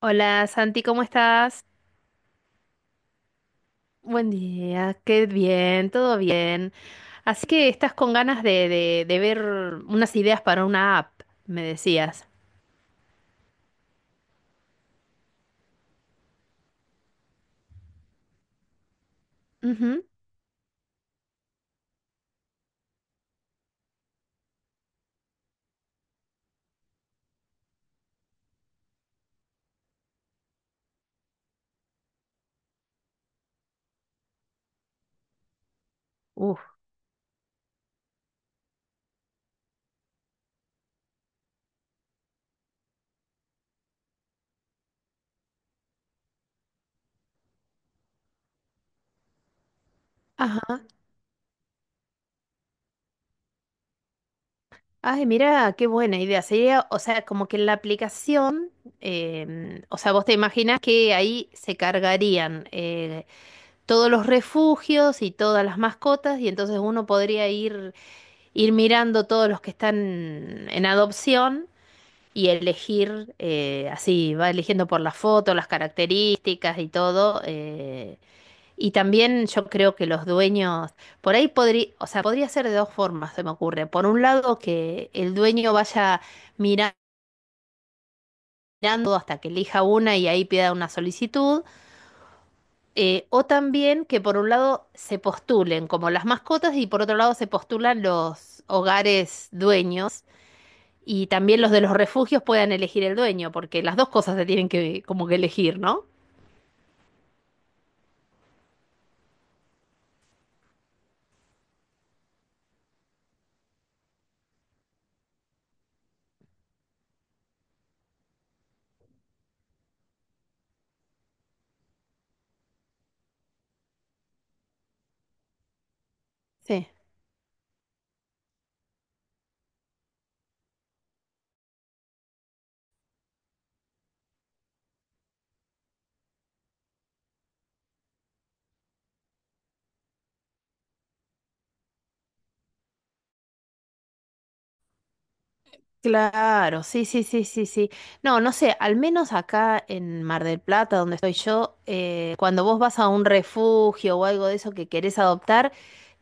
Hola Santi, ¿cómo estás? Buen día, qué bien, todo bien. Así que estás con ganas de ver unas ideas para una app, me decías. Ujú. Uf. Ajá. Ay, mira, qué buena idea. Sería, o sea, como que en la aplicación, o sea, vos te imaginas que ahí se cargarían todos los refugios y todas las mascotas, y entonces uno podría ir mirando todos los que están en adopción. Y elegir, así, va eligiendo por las fotos, las características y todo. Y también yo creo que los dueños, por ahí podría, o sea, podría ser de dos formas, se me ocurre. Por un lado, que el dueño vaya mira- mirando hasta que elija una y ahí pida una solicitud. O también que por un lado se postulen como las mascotas y por otro lado se postulan los hogares dueños. Y también los de los refugios puedan elegir el dueño, porque las dos cosas se tienen que como que elegir, ¿no? Sí. Claro, sí, sí, sí, sí, sí. No, no sé, al menos acá en Mar del Plata, donde estoy yo, cuando vos vas a un refugio o algo de eso que querés adoptar,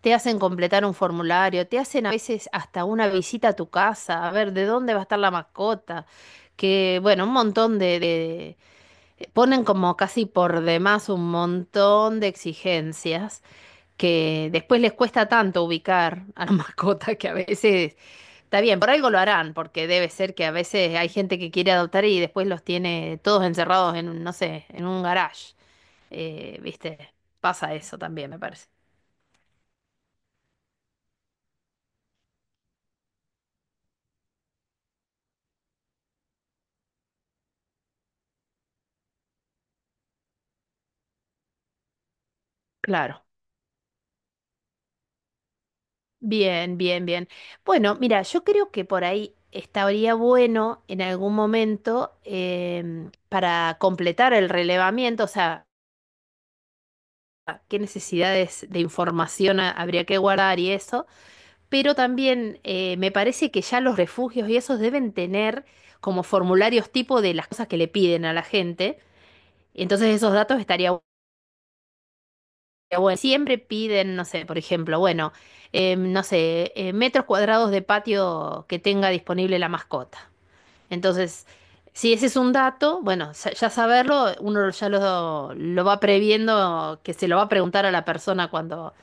te hacen completar un formulario, te hacen a veces hasta una visita a tu casa, a ver de dónde va a estar la mascota, que bueno, un montón ponen como casi por demás un montón de exigencias que después les cuesta tanto ubicar a la mascota que a veces, está bien, por algo lo harán, porque debe ser que a veces hay gente que quiere adoptar y después los tiene todos encerrados en, un, no sé, en un garage. ¿Viste? Pasa eso también, me parece. Claro. Bien, bien, bien. Bueno, mira, yo creo que por ahí estaría bueno en algún momento para completar el relevamiento, o sea, qué necesidades de información habría que guardar y eso. Pero también me parece que ya los refugios y esos deben tener como formularios tipo de las cosas que le piden a la gente. Entonces esos datos estaría bueno. Siempre piden, no sé, por ejemplo, bueno, no sé, metros cuadrados de patio que tenga disponible la mascota. Entonces, si ese es un dato, bueno, ya saberlo, uno ya lo va previendo, que se lo va a preguntar a la persona cuando,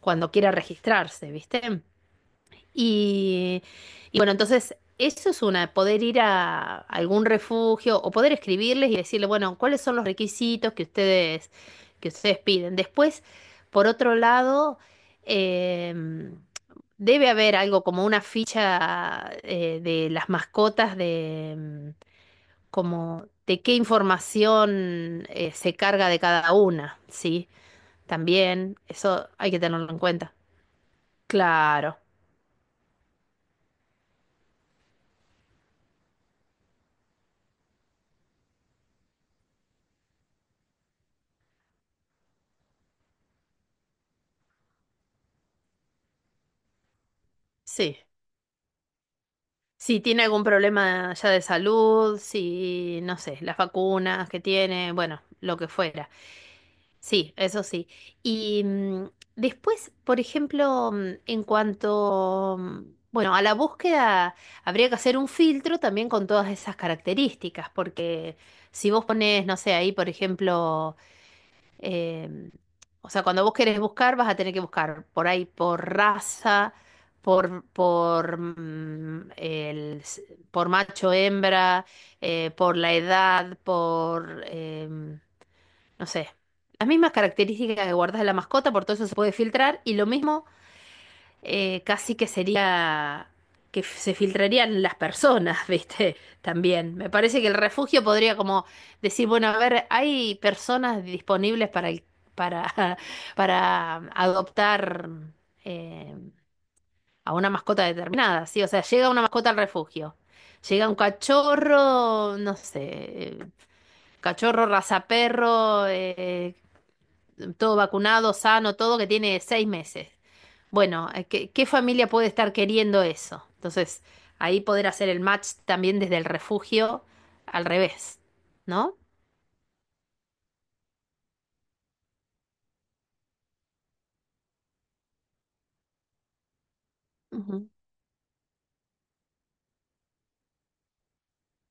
cuando quiera registrarse, ¿viste? Y, y bueno, entonces eso es una, poder ir a algún refugio o poder escribirles y decirle, bueno, ¿cuáles son los requisitos que ustedes piden? Después, por otro lado, em, debe haber algo como una ficha de las mascotas de... como de qué información se carga de cada una, ¿sí? También, eso hay que tenerlo en cuenta. Claro, sí. Si tiene algún problema ya de salud, si, no sé, las vacunas que tiene, bueno, lo que fuera. Sí, eso sí. Y después, por ejemplo, en cuanto, bueno, a la búsqueda, habría que hacer un filtro también con todas esas características, porque si vos pones, no sé, ahí, por ejemplo, eh, o sea, cuando vos querés buscar, vas a tener que buscar por ahí, por raza, por, mm, el, s- por macho, hembra, por la edad, no sé, las mismas características que guardas de la mascota, por todo eso se puede filtrar. Y lo mismo casi que sería que se filtrarían las personas, ¿viste? También. Me parece que el refugio podría como decir, bueno, a ver, hay personas disponibles para para, para adoptar eh, a una mascota determinada, ¿sí? O sea, llega una mascota al refugio. Llega un cachorro, no sé, eh, cachorro, raza perro, todo vacunado, sano, todo, que tiene 6 meses. Bueno, ¿qué, qué familia puede estar queriendo eso? Entonces, ahí poder hacer el match también desde el refugio al revés, ¿no? Ujú.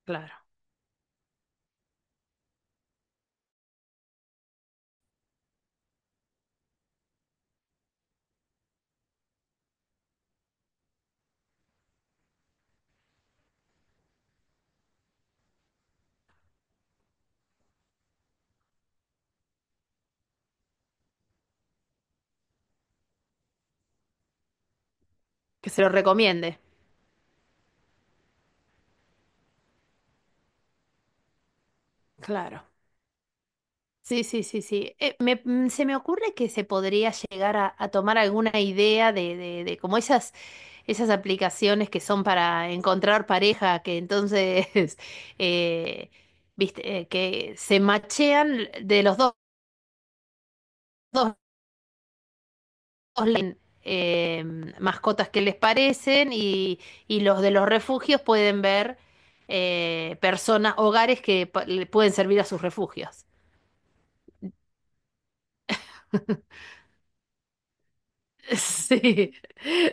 Claro. Que se lo recomiende. Claro. Sí, sí, sí, sí. Se me ocurre que se podría llegar a tomar alguna idea de como esas, esas aplicaciones que son para encontrar pareja, que entonces, eh, viste, que se machean de los dos, dos leen mascotas que les parecen y los de los refugios pueden ver personas, hogares que le pueden servir a sus refugios. Sí,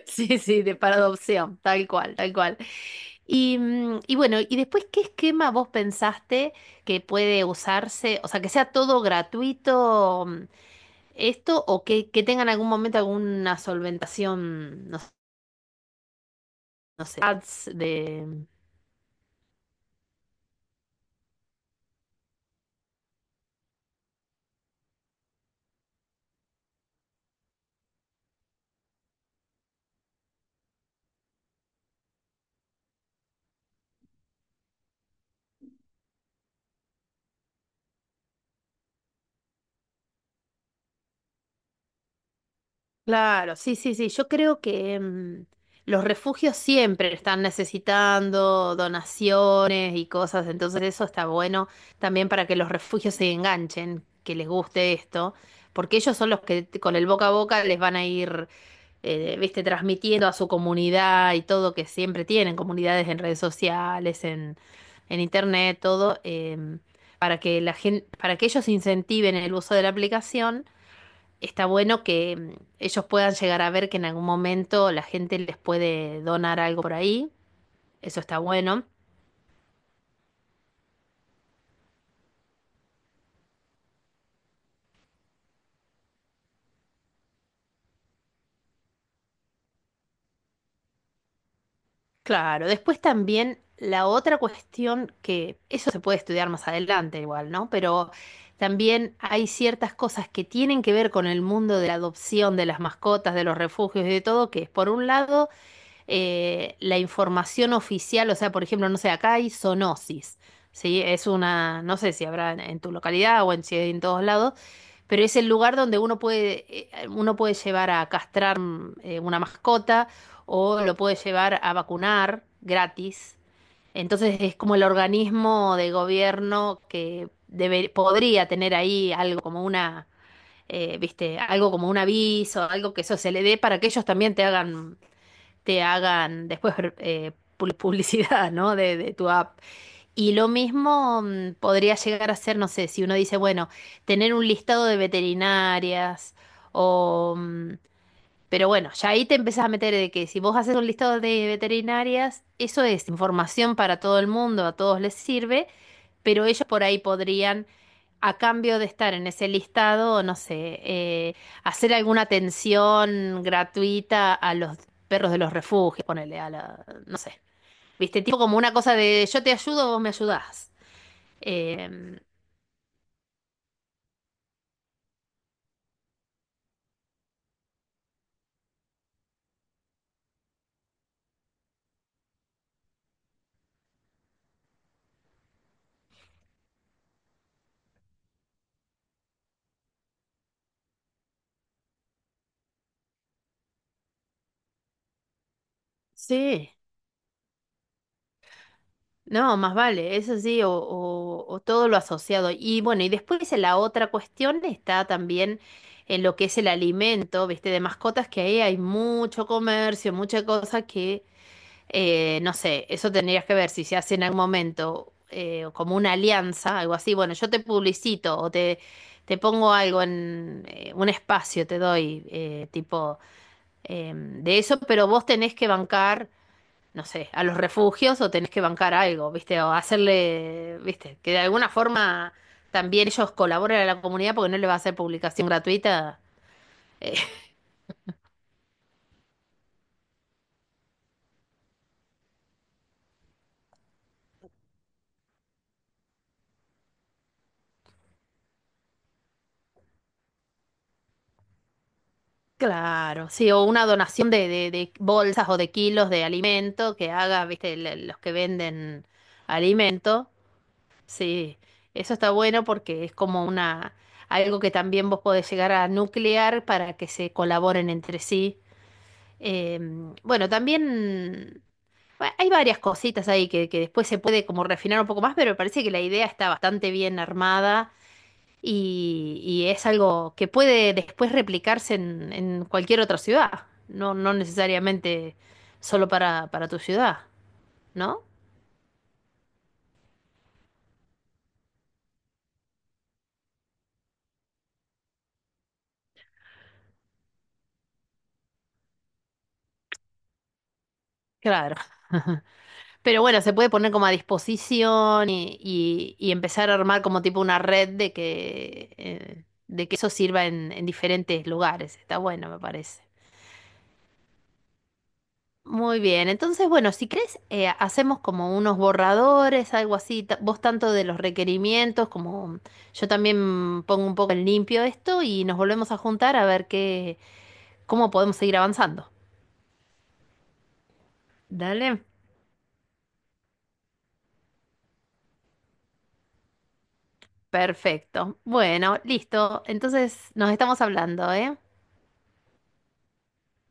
sí, sí, de para adopción, tal cual, tal cual. Y, y bueno, y después, ¿qué esquema vos pensaste que puede usarse? O sea, que sea todo gratuito, esto, o que tengan algún momento alguna solventación, no sé, ads de... Claro, sí, sí, sí. Yo creo que los refugios siempre están necesitando donaciones y cosas, entonces eso está bueno también para que los refugios se enganchen, que les guste esto, porque ellos son los que con el boca a boca les van a ir, viste, transmitiendo a su comunidad y todo, que siempre tienen, comunidades en redes sociales, en internet, todo, para que la gente, para que ellos incentiven el uso de la aplicación, está bueno que ellos puedan llegar a ver que en algún momento la gente les puede donar algo por ahí. Eso está bueno. Claro, después también la otra cuestión, que eso se puede estudiar más adelante igual, ¿no? Pero también hay ciertas cosas que tienen que ver con el mundo de la adopción, de las mascotas, de los refugios y de todo, que es por un lado la información oficial, o sea, por ejemplo, no sé, acá hay zoonosis, ¿sí? Es una, no sé si habrá en tu localidad o en, si hay en todos lados, pero es el lugar donde uno puede llevar a castrar, una mascota, o lo puede llevar a vacunar gratis. Entonces es como el organismo de gobierno que podría tener ahí algo como una, viste, algo como un aviso, algo que eso se le dé para que ellos también te hagan, te hagan después publicidad, ¿no? De tu app. Y lo mismo podría llegar a ser, no sé, si uno dice, bueno, tener un listado de veterinarias o... pero bueno, ya ahí te empezás a meter de que si vos haces un listado de veterinarias, eso es información para todo el mundo, a todos les sirve, pero ellos por ahí podrían, a cambio de estar en ese listado, no sé, hacer alguna atención gratuita a los perros de los refugios, ponerle a la, no sé, viste, tipo como una cosa de yo te ayudo, vos me ayudás. Em, sí, no, más vale, eso sí, o todo lo asociado. Y bueno, y después la otra cuestión está también en lo que es el alimento, viste, de mascotas, que ahí hay mucho comercio, mucha cosa que... eh, no sé, eso tendrías que ver si se hace en algún momento como una alianza, algo así. Bueno, yo te publicito o te pongo algo en un espacio, te doy tipo de eso, pero vos tenés que bancar, no sé, a los refugios, o tenés que bancar algo, ¿viste? O hacerle, ¿viste? Que de alguna forma también ellos colaboren a la comunidad, porque no le va a hacer publicación gratuita. Claro, sí, o una donación de bolsas o de kilos de alimento que haga, viste, los que venden alimento. Sí, eso está bueno porque es como una, algo que también vos podés llegar a nuclear para que se colaboren entre sí. Bueno, también bueno, hay varias cositas ahí que después se puede como refinar un poco más, pero me parece que la idea está bastante bien armada y es algo que puede después replicarse en cualquier otra ciudad, no, no necesariamente solo para tu ciudad, ¿no? Claro. Pero bueno, se puede poner como a disposición y empezar a armar como tipo una red de que eso sirva en diferentes lugares. Está bueno, me parece. Muy bien, entonces bueno, si crees, hacemos como unos borradores, algo así, vos tanto de los requerimientos como yo también pongo un poco en limpio esto, y nos volvemos a juntar a ver qué, cómo podemos seguir avanzando. Dale, perfecto. Bueno, listo, entonces nos estamos hablando, ¿eh?